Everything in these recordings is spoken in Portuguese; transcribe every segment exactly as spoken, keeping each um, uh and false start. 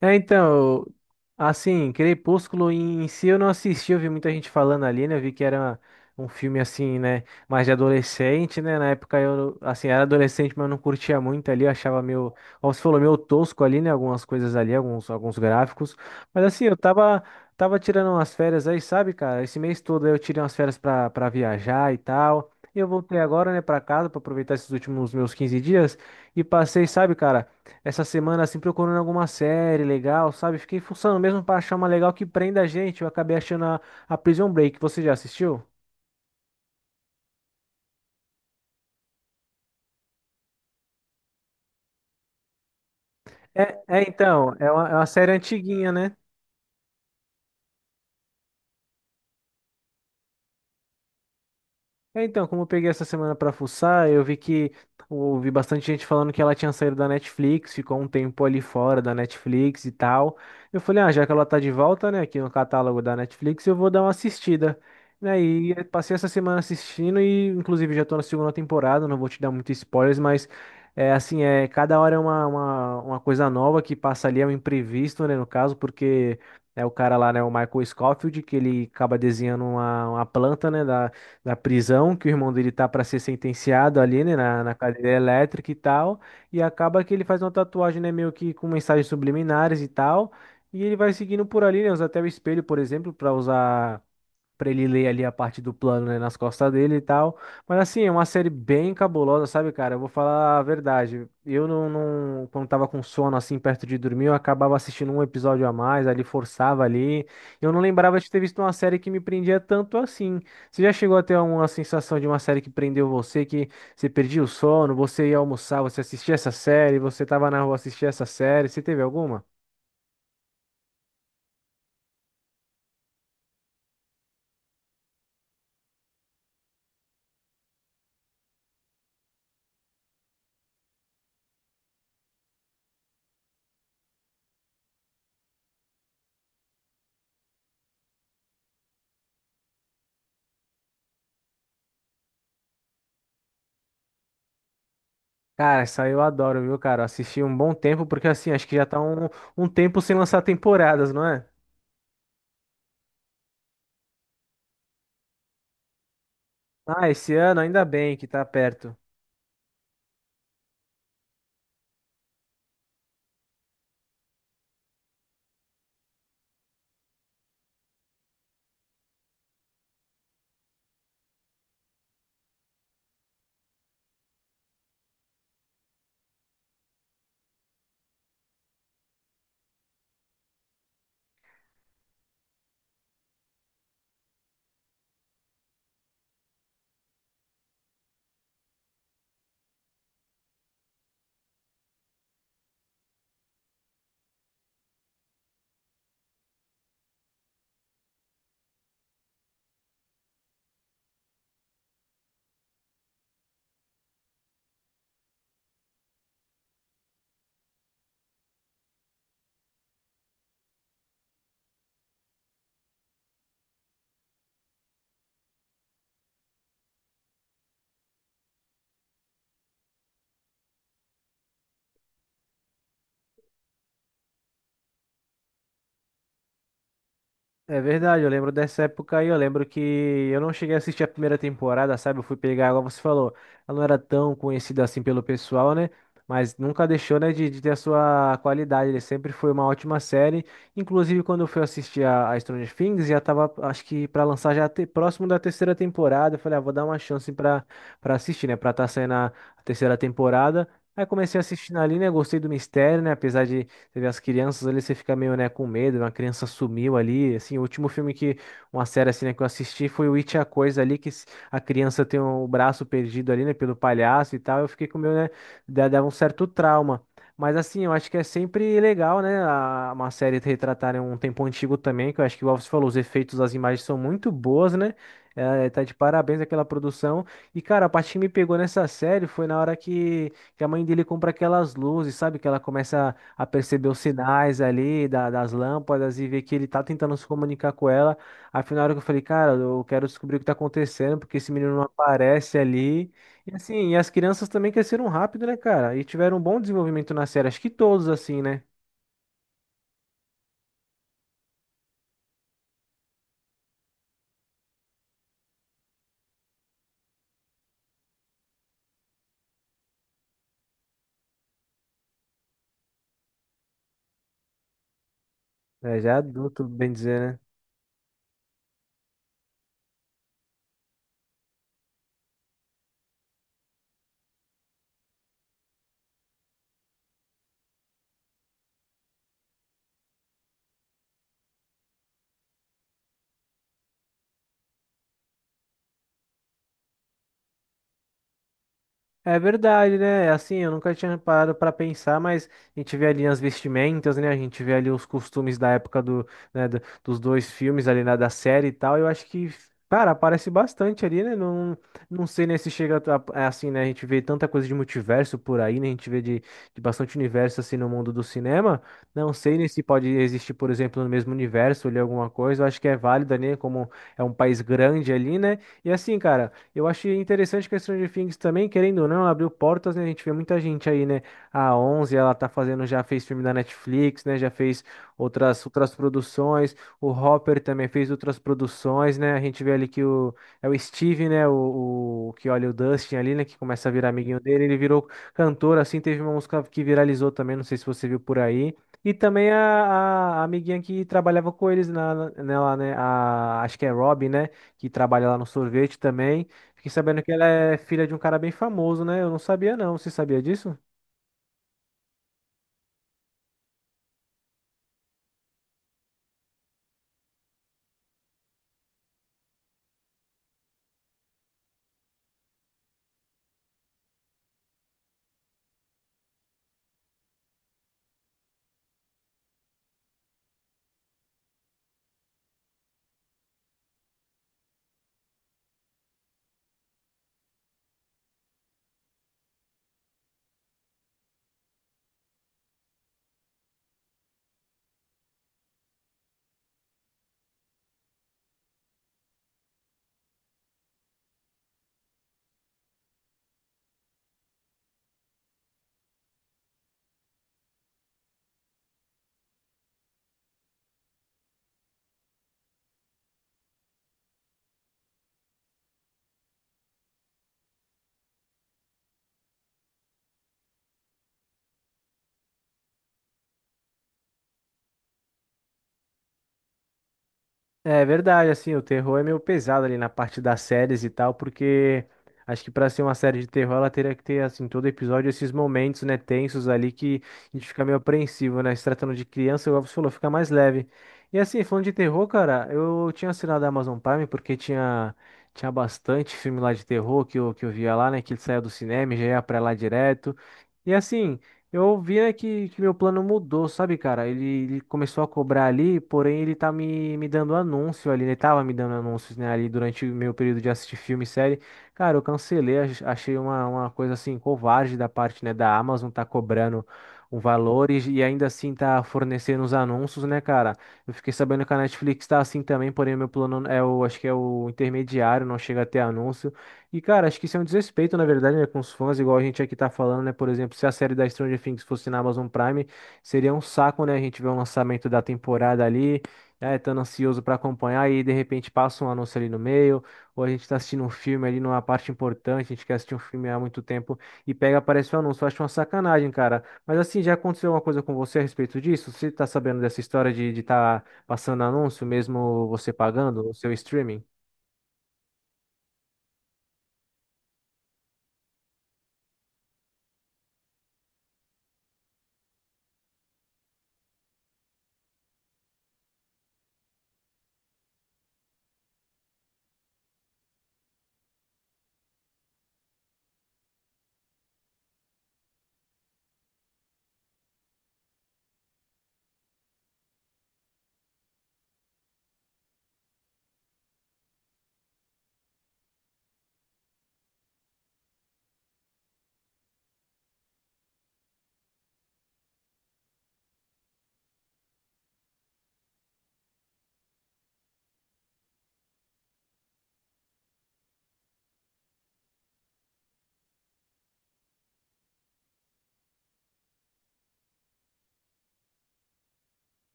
É, então, assim, Crepúsculo em si eu não assisti, eu vi muita gente falando ali, né? Eu vi que era um filme assim, né, mais de adolescente, né? Na época eu, assim, era adolescente, mas eu não curtia muito ali, eu achava meio, como você falou, meio tosco ali, né? Algumas coisas ali, alguns, alguns gráficos. Mas assim, eu tava, tava tirando umas férias aí, sabe, cara? Esse mês todo aí eu tirei umas férias pra, pra viajar e tal. E eu voltei agora, né, pra casa pra aproveitar esses últimos meus quinze dias e passei, sabe, cara? Essa semana assim procurando alguma série legal, sabe? Fiquei fuçando mesmo pra achar uma legal que prenda a gente. Eu acabei achando a, a Prison Break. Você já assistiu? É, é então, é uma, é uma série antiguinha, né? É, então, como eu peguei essa semana pra fuçar, eu vi que ouvi bastante gente falando que ela tinha saído da Netflix, ficou um tempo ali fora da Netflix e tal. Eu falei, ah, já que ela tá de volta, né, aqui no catálogo da Netflix, eu vou dar uma assistida. Né, e aí, passei essa semana assistindo e, inclusive, já tô na segunda temporada, não vou te dar muitos spoilers, mas é assim, é, cada hora é uma, uma, uma coisa nova que passa ali, é um imprevisto, né, no caso, porque é o cara lá, né, o Michael Scofield, que ele acaba desenhando uma, uma planta, né, da da prisão, que o irmão dele tá para ser sentenciado ali, né, na, na cadeira elétrica e tal, e acaba que ele faz uma tatuagem, né, meio que com mensagens subliminares e tal, e ele vai seguindo por ali, né, usa até o espelho, por exemplo, para usar Pra ele ler ali a parte do plano, né, nas costas dele e tal. Mas assim, é uma série bem cabulosa, sabe, cara? Eu vou falar a verdade. Eu não, não- quando tava com sono assim perto de dormir, eu acabava assistindo um episódio a mais, ali forçava ali. Eu não lembrava de ter visto uma série que me prendia tanto assim. Você já chegou a ter uma sensação de uma série que prendeu você, que você perdia o sono, você ia almoçar, você assistia essa série, você tava na rua assistia essa série, você teve alguma? Cara, isso aí eu adoro, viu, cara? Eu Assisti um bom tempo, porque assim, acho que já tá um, um tempo sem lançar temporadas, não é? Ah, esse ano ainda bem que tá perto. É verdade, eu lembro dessa época aí, eu lembro que eu não cheguei a assistir a primeira temporada, sabe? Eu fui pegar, igual você falou, ela não era tão conhecida assim pelo pessoal, né? Mas nunca deixou, né, de, de ter a sua qualidade. Ele sempre foi uma ótima série. Inclusive, quando eu fui assistir a, a Stranger Things, já tava, acho que pra lançar já te- próximo da terceira temporada. Eu falei, ah, vou dar uma chance pra, pra assistir, né? Pra tá saindo a, a terceira temporada. Aí comecei a assistir ali, né? Gostei do mistério, né? Apesar de você vê as crianças ali, você fica meio, né, com medo, uma criança sumiu ali, assim, o último filme que, uma série assim, né, que eu assisti foi o It, a Coisa ali, que s- a criança tem o braço perdido ali, né, pelo palhaço e tal, eu fiquei com meio, né, da- dava um certo trauma. Mas assim, eu acho que é sempre legal, né, a- uma série retratar né, um tempo antigo também, que eu acho que, igual você falou, os efeitos das imagens são muito boas, né, é, tá de parabéns aquela produção. E, cara, a parte que me pegou nessa série foi na hora que, que a mãe dele compra aquelas luzes, sabe? Que ela começa a perceber os sinais ali da- das lâmpadas e ver que ele tá tentando se comunicar com ela. Afinal, eu falei, cara, eu quero descobrir o que tá acontecendo, porque esse menino não aparece ali. E assim, e as crianças também cresceram rápido, né, cara? E tiveram um bom desenvolvimento na série. Acho que todos, assim, né? É, já é adulto, bem dizer, né? É verdade, né? É Assim, eu nunca tinha parado para pensar, mas a gente vê ali as vestimentas, né? A gente vê ali os costumes da época do, né, do- dos dois filmes ali, né, da série e tal. Eu acho que, cara, aparece bastante ali, né? Não, não sei, né, se chega a- a- assim, né? A gente vê tanta coisa de multiverso por aí, né? A gente vê de, de bastante universo assim no mundo do cinema. Não sei, né, se pode existir, por exemplo, no mesmo universo ali alguma coisa. Eu acho que é válida, né? Como é um país grande ali, né? E assim, cara. Eu achei interessante que a Stranger Things também, querendo ou não, abriu portas, né? A gente vê muita gente aí, né? A onze, ela tá fazendo, já fez filme da Netflix, né? Já fez outras, outras produções. O Hopper também fez outras produções, né? A gente vê ali que o, é o Steve, né? O, o que olha o Dustin ali, né? Que começa a virar amiguinho dele. Ele virou cantor, assim. Teve uma música que viralizou também, não sei se você viu por aí. E também a, a- a amiguinha que trabalhava com eles na, na- nela, né? A, acho que é Rob, né? Que trabalha lá no sorvete também. Fiquei sabendo que ela é filha de um cara bem famoso, né? Eu não sabia, não. Você sabia disso? É verdade, assim, o terror é meio pesado ali na parte das séries e tal, porque acho que pra ser uma série de terror ela teria que ter, assim, todo episódio esses momentos, né, tensos ali que a gente fica meio apreensivo, né? Se tratando de criança, igual você falou, fica mais leve. E assim, falando de terror, cara, eu tinha assinado a Amazon Prime porque tinha, tinha bastante filme lá de terror que eu, que eu via lá, né, que ele saía do cinema e já ia pra lá direto. E assim. Eu ouvi, né, que, que meu plano mudou, sabe, cara? Ele, ele começou a cobrar ali, porém ele tá me, me dando anúncio ali, né? Ele tava me dando anúncios, né, ali durante o meu período de assistir filme e série. Cara, eu cancelei, ach- achei uma, uma coisa assim, covarde da parte, né, da Amazon tá cobrando um valor e, e ainda assim tá fornecendo os anúncios, né, cara? Eu fiquei sabendo que a Netflix tá assim também, porém o meu plano é o, acho que é o intermediário, não chega a ter anúncio. E, cara, acho que isso é um desrespeito, na verdade, né, com os fãs, igual a gente aqui tá falando, né? Por exemplo, se a série da Stranger Things fosse na Amazon Prime, seria um saco, né? A gente vê o lançamento da temporada ali, né? Tão ansioso pra acompanhar e de repente passa um anúncio ali no meio, ou a gente tá assistindo um filme ali numa parte importante, a gente quer assistir um filme há muito tempo e pega, aparece o anúncio. Eu acho uma sacanagem, cara. Mas assim, já aconteceu alguma coisa com você a respeito disso? Você tá sabendo dessa história de estar passando anúncio, mesmo você pagando o seu streaming?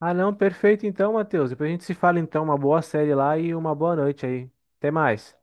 Ah, não, perfeito então, Matheus. Depois a gente se fala então. Uma boa série lá e uma boa noite aí. Até mais.